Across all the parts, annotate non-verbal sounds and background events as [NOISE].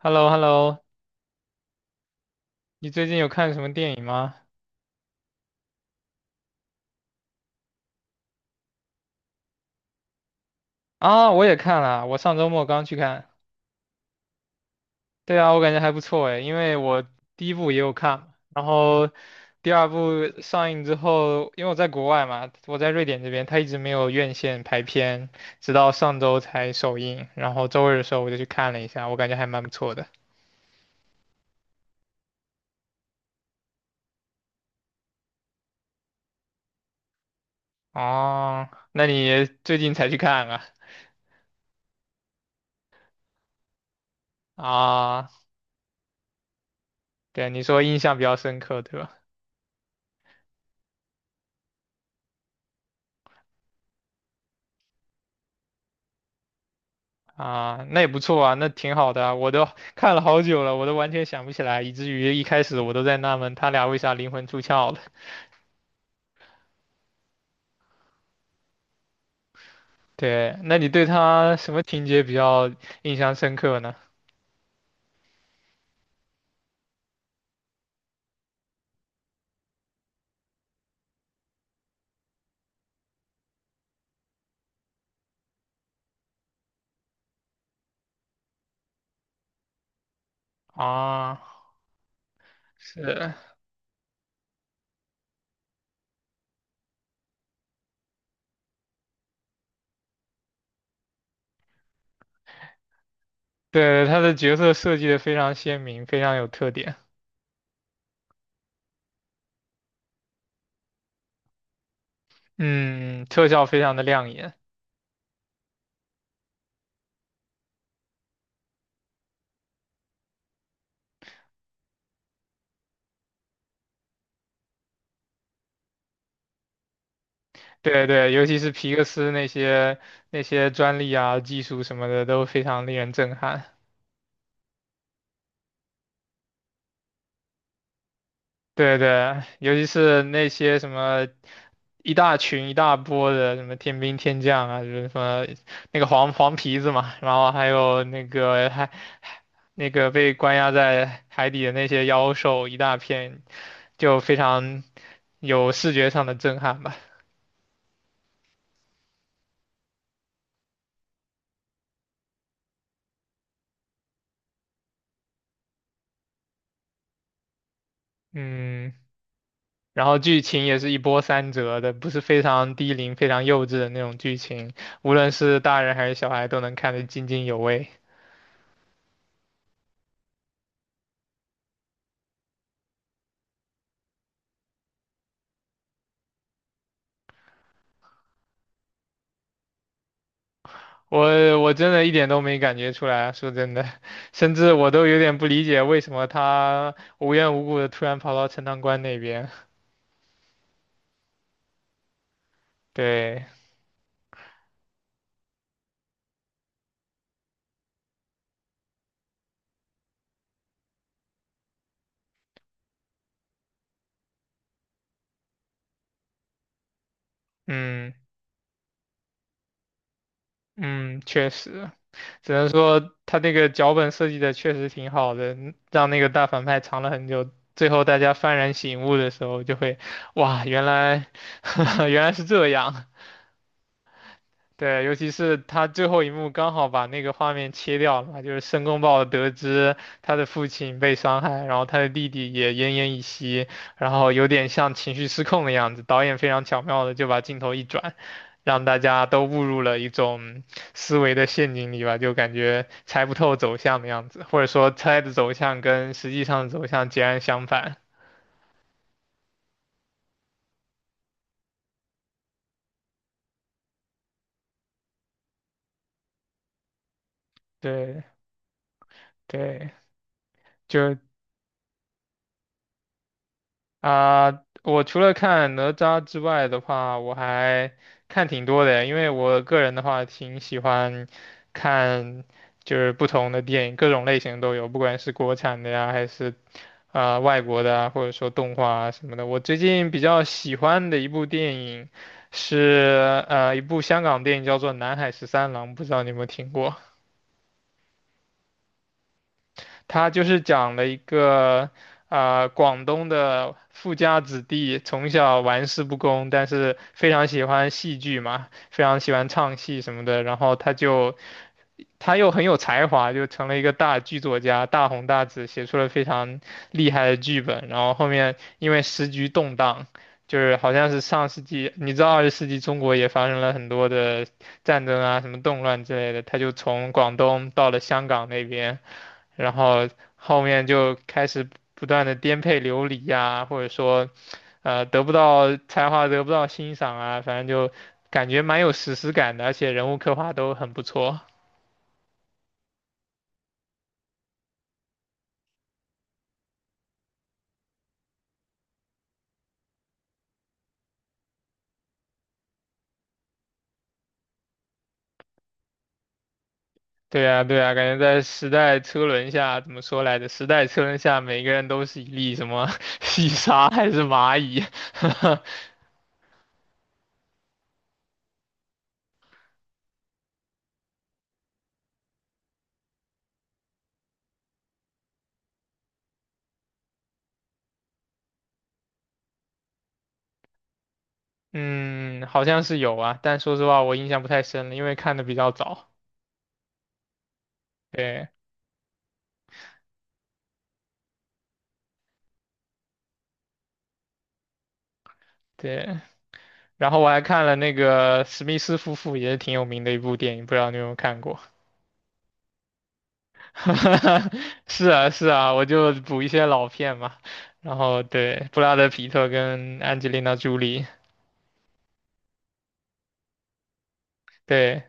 h e l l o h e l l o 你最近有看什么电影吗？啊，我也看了，我上周末刚去看。对啊，我感觉还不错诶，因为我第一部也有看嘛，然后第二部上映之后，因为我在国外嘛，我在瑞典这边，它一直没有院线排片，直到上周才首映，然后周日的时候我就去看了一下，我感觉还蛮不错的。哦，那你最近才去看啊？啊，对，你说印象比较深刻，对吧？啊，那也不错啊，那挺好的啊我都看了好久了，我都完全想不起来，以至于一开始我都在纳闷他俩为啥灵魂出窍了。对，那你对他什么情节比较印象深刻呢？啊，是，对，他的角色设计的非常鲜明，非常有特点，嗯，特效非常的亮眼。对对，尤其是皮克斯那些那些专利啊、技术什么的都非常令人震撼。对对，尤其是那些什么一大群一大波的什么天兵天将啊，就是什么那个黄黄皮子嘛，然后还有那个被关押在海底的那些妖兽一大片，就非常有视觉上的震撼吧。嗯，然后剧情也是一波三折的，不是非常低龄、非常幼稚的那种剧情，无论是大人还是小孩都能看得津津有味。我真的一点都没感觉出来啊，说真的，[LAUGHS] 甚至我都有点不理解为什么他无缘无故的突然跑到陈塘关那边。[LAUGHS] 对，嗯嗯，确实，只能说他那个脚本设计的确实挺好的，让那个大反派藏了很久，最后大家幡然醒悟的时候，就会，哇，原来 [LAUGHS] 原来是这样。对，尤其是他最后一幕刚好把那个画面切掉了嘛，就是申公豹得知他的父亲被伤害，然后他的弟弟也奄奄一息，然后有点像情绪失控的样子。导演非常巧妙的就把镜头一转，让大家都误入了一种思维的陷阱里吧，就感觉猜不透走向的样子，或者说猜的走向跟实际上的走向截然相反。对对，就啊，我除了看哪吒之外的话，我还看挺多的，因为我个人的话挺喜欢看，就是不同的电影，各种类型都有，不管是国产的呀，还是啊、外国的啊，或者说动画啊什么的。我最近比较喜欢的一部电影是一部香港电影叫做《南海十三郎》，不知道你有没有听过？他就是讲了一个广东的富家子弟从小玩世不恭，但是非常喜欢戏剧嘛，非常喜欢唱戏什么的，然后他又很有才华，就成了一个大剧作家，大红大紫，写出了非常厉害的剧本。然后后面因为时局动荡。就是好像是上世纪，你知道二十世纪中国也发生了很多的战争啊，什么动乱之类的。他就从广东到了香港那边，然后后面就开始不断的颠沛流离呀，或者说得不到才华得不到欣赏啊，反正就感觉蛮有史诗感的，而且人物刻画都很不错。对呀对呀，感觉在时代车轮下，怎么说来着？时代车轮下，每个人都是一粒什么 [LAUGHS] 细沙还是蚂蚁？[LAUGHS] 嗯，好像是有啊，但说实话我印象不太深了，因为看的比较早。对对，然后我还看了那个史密斯夫妇也是挺有名的一部电影，不知道你有没有看过？[LAUGHS] 是啊，是啊，我就补一些老片嘛。然后对，布拉德皮特跟安吉丽娜朱莉，对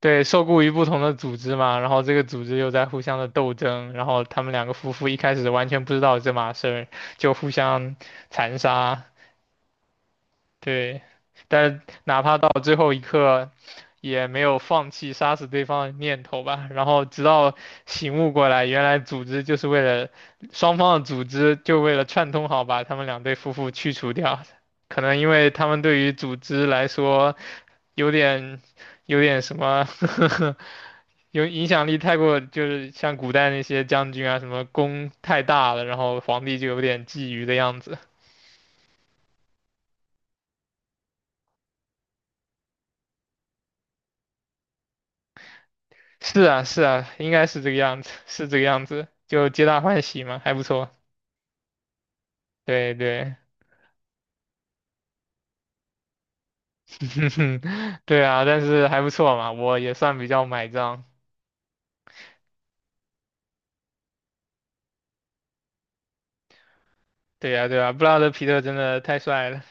对，受雇于不同的组织嘛，然后这个组织又在互相的斗争，然后他们两个夫妇一开始完全不知道这码事儿，就互相残杀，对，但哪怕到最后一刻，也没有放弃杀死对方的念头吧。然后直到醒悟过来，原来组织就是为了双方的组织就为了串通好把他们两对夫妇去除掉。可能因为他们对于组织来说有点有点什么 [LAUGHS] 有影响力太过，就是像古代那些将军啊，什么功太大了，然后皇帝就有点觊觎的样子。是啊，是啊，应该是这个样子，是这个样子，就皆大欢喜嘛，还不错。对对，[LAUGHS] 对啊，但是还不错嘛，我也算比较买账。对呀，对呀，布拉德皮特真的太帅了，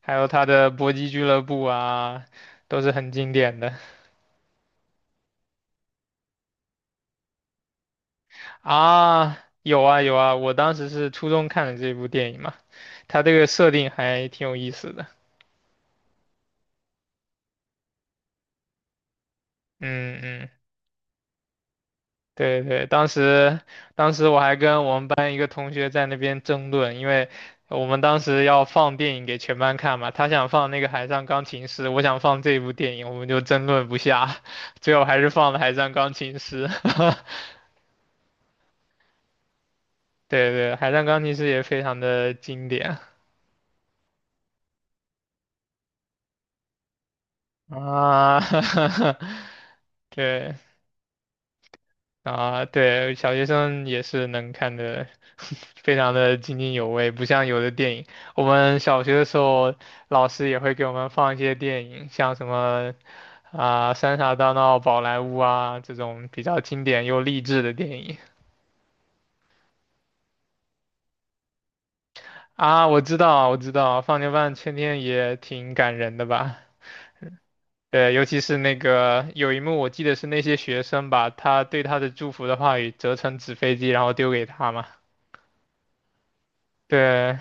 还有他的搏击俱乐部啊，都是很经典的啊。有啊有啊，我当时是初中看的这部电影嘛，他这个设定还挺有意思的。嗯嗯对对，当时我还跟我们班一个同学在那边争论，因为我们当时要放电影给全班看嘛，他想放那个《海上钢琴师》，我想放这部电影，我们就争论不下，[LAUGHS] 最后还是放了《海上钢琴师》[LAUGHS]。对对，《海上钢琴师》也非常的经典啊，[LAUGHS] 对。啊，对，小学生也是能看的，[LAUGHS] 非常的津津有味，不像有的电影。我们小学的时候，老师也会给我们放一些电影，像什么啊《三傻大闹宝莱坞》啊这种比较经典又励志的电影啊。我知道，我知道，《放牛班的春天》也挺感人的吧？对，尤其是那个有一幕，我记得是那些学生把他对他的祝福的话语折成纸飞机，然后丢给他嘛。对，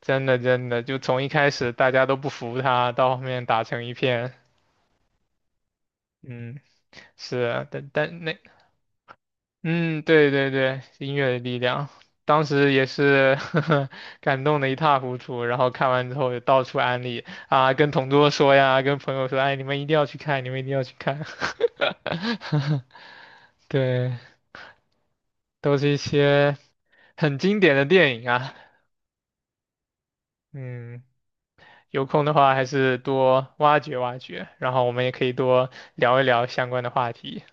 真的真的，就从一开始大家都不服他，到后面打成一片，嗯，是啊，但那，嗯，对对对，音乐的力量，当时也是 [LAUGHS] 感动的一塌糊涂，然后看完之后也到处安利啊，跟同桌说呀，跟朋友说，哎，你们一定要去看，你们一定要去看，[LAUGHS] 对，都是一些很经典的电影啊，嗯。有空的话还是多挖掘挖掘，然后我们也可以多聊一聊相关的话题。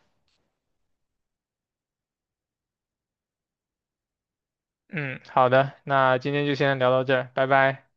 嗯，好的，那今天就先聊到这儿，拜拜。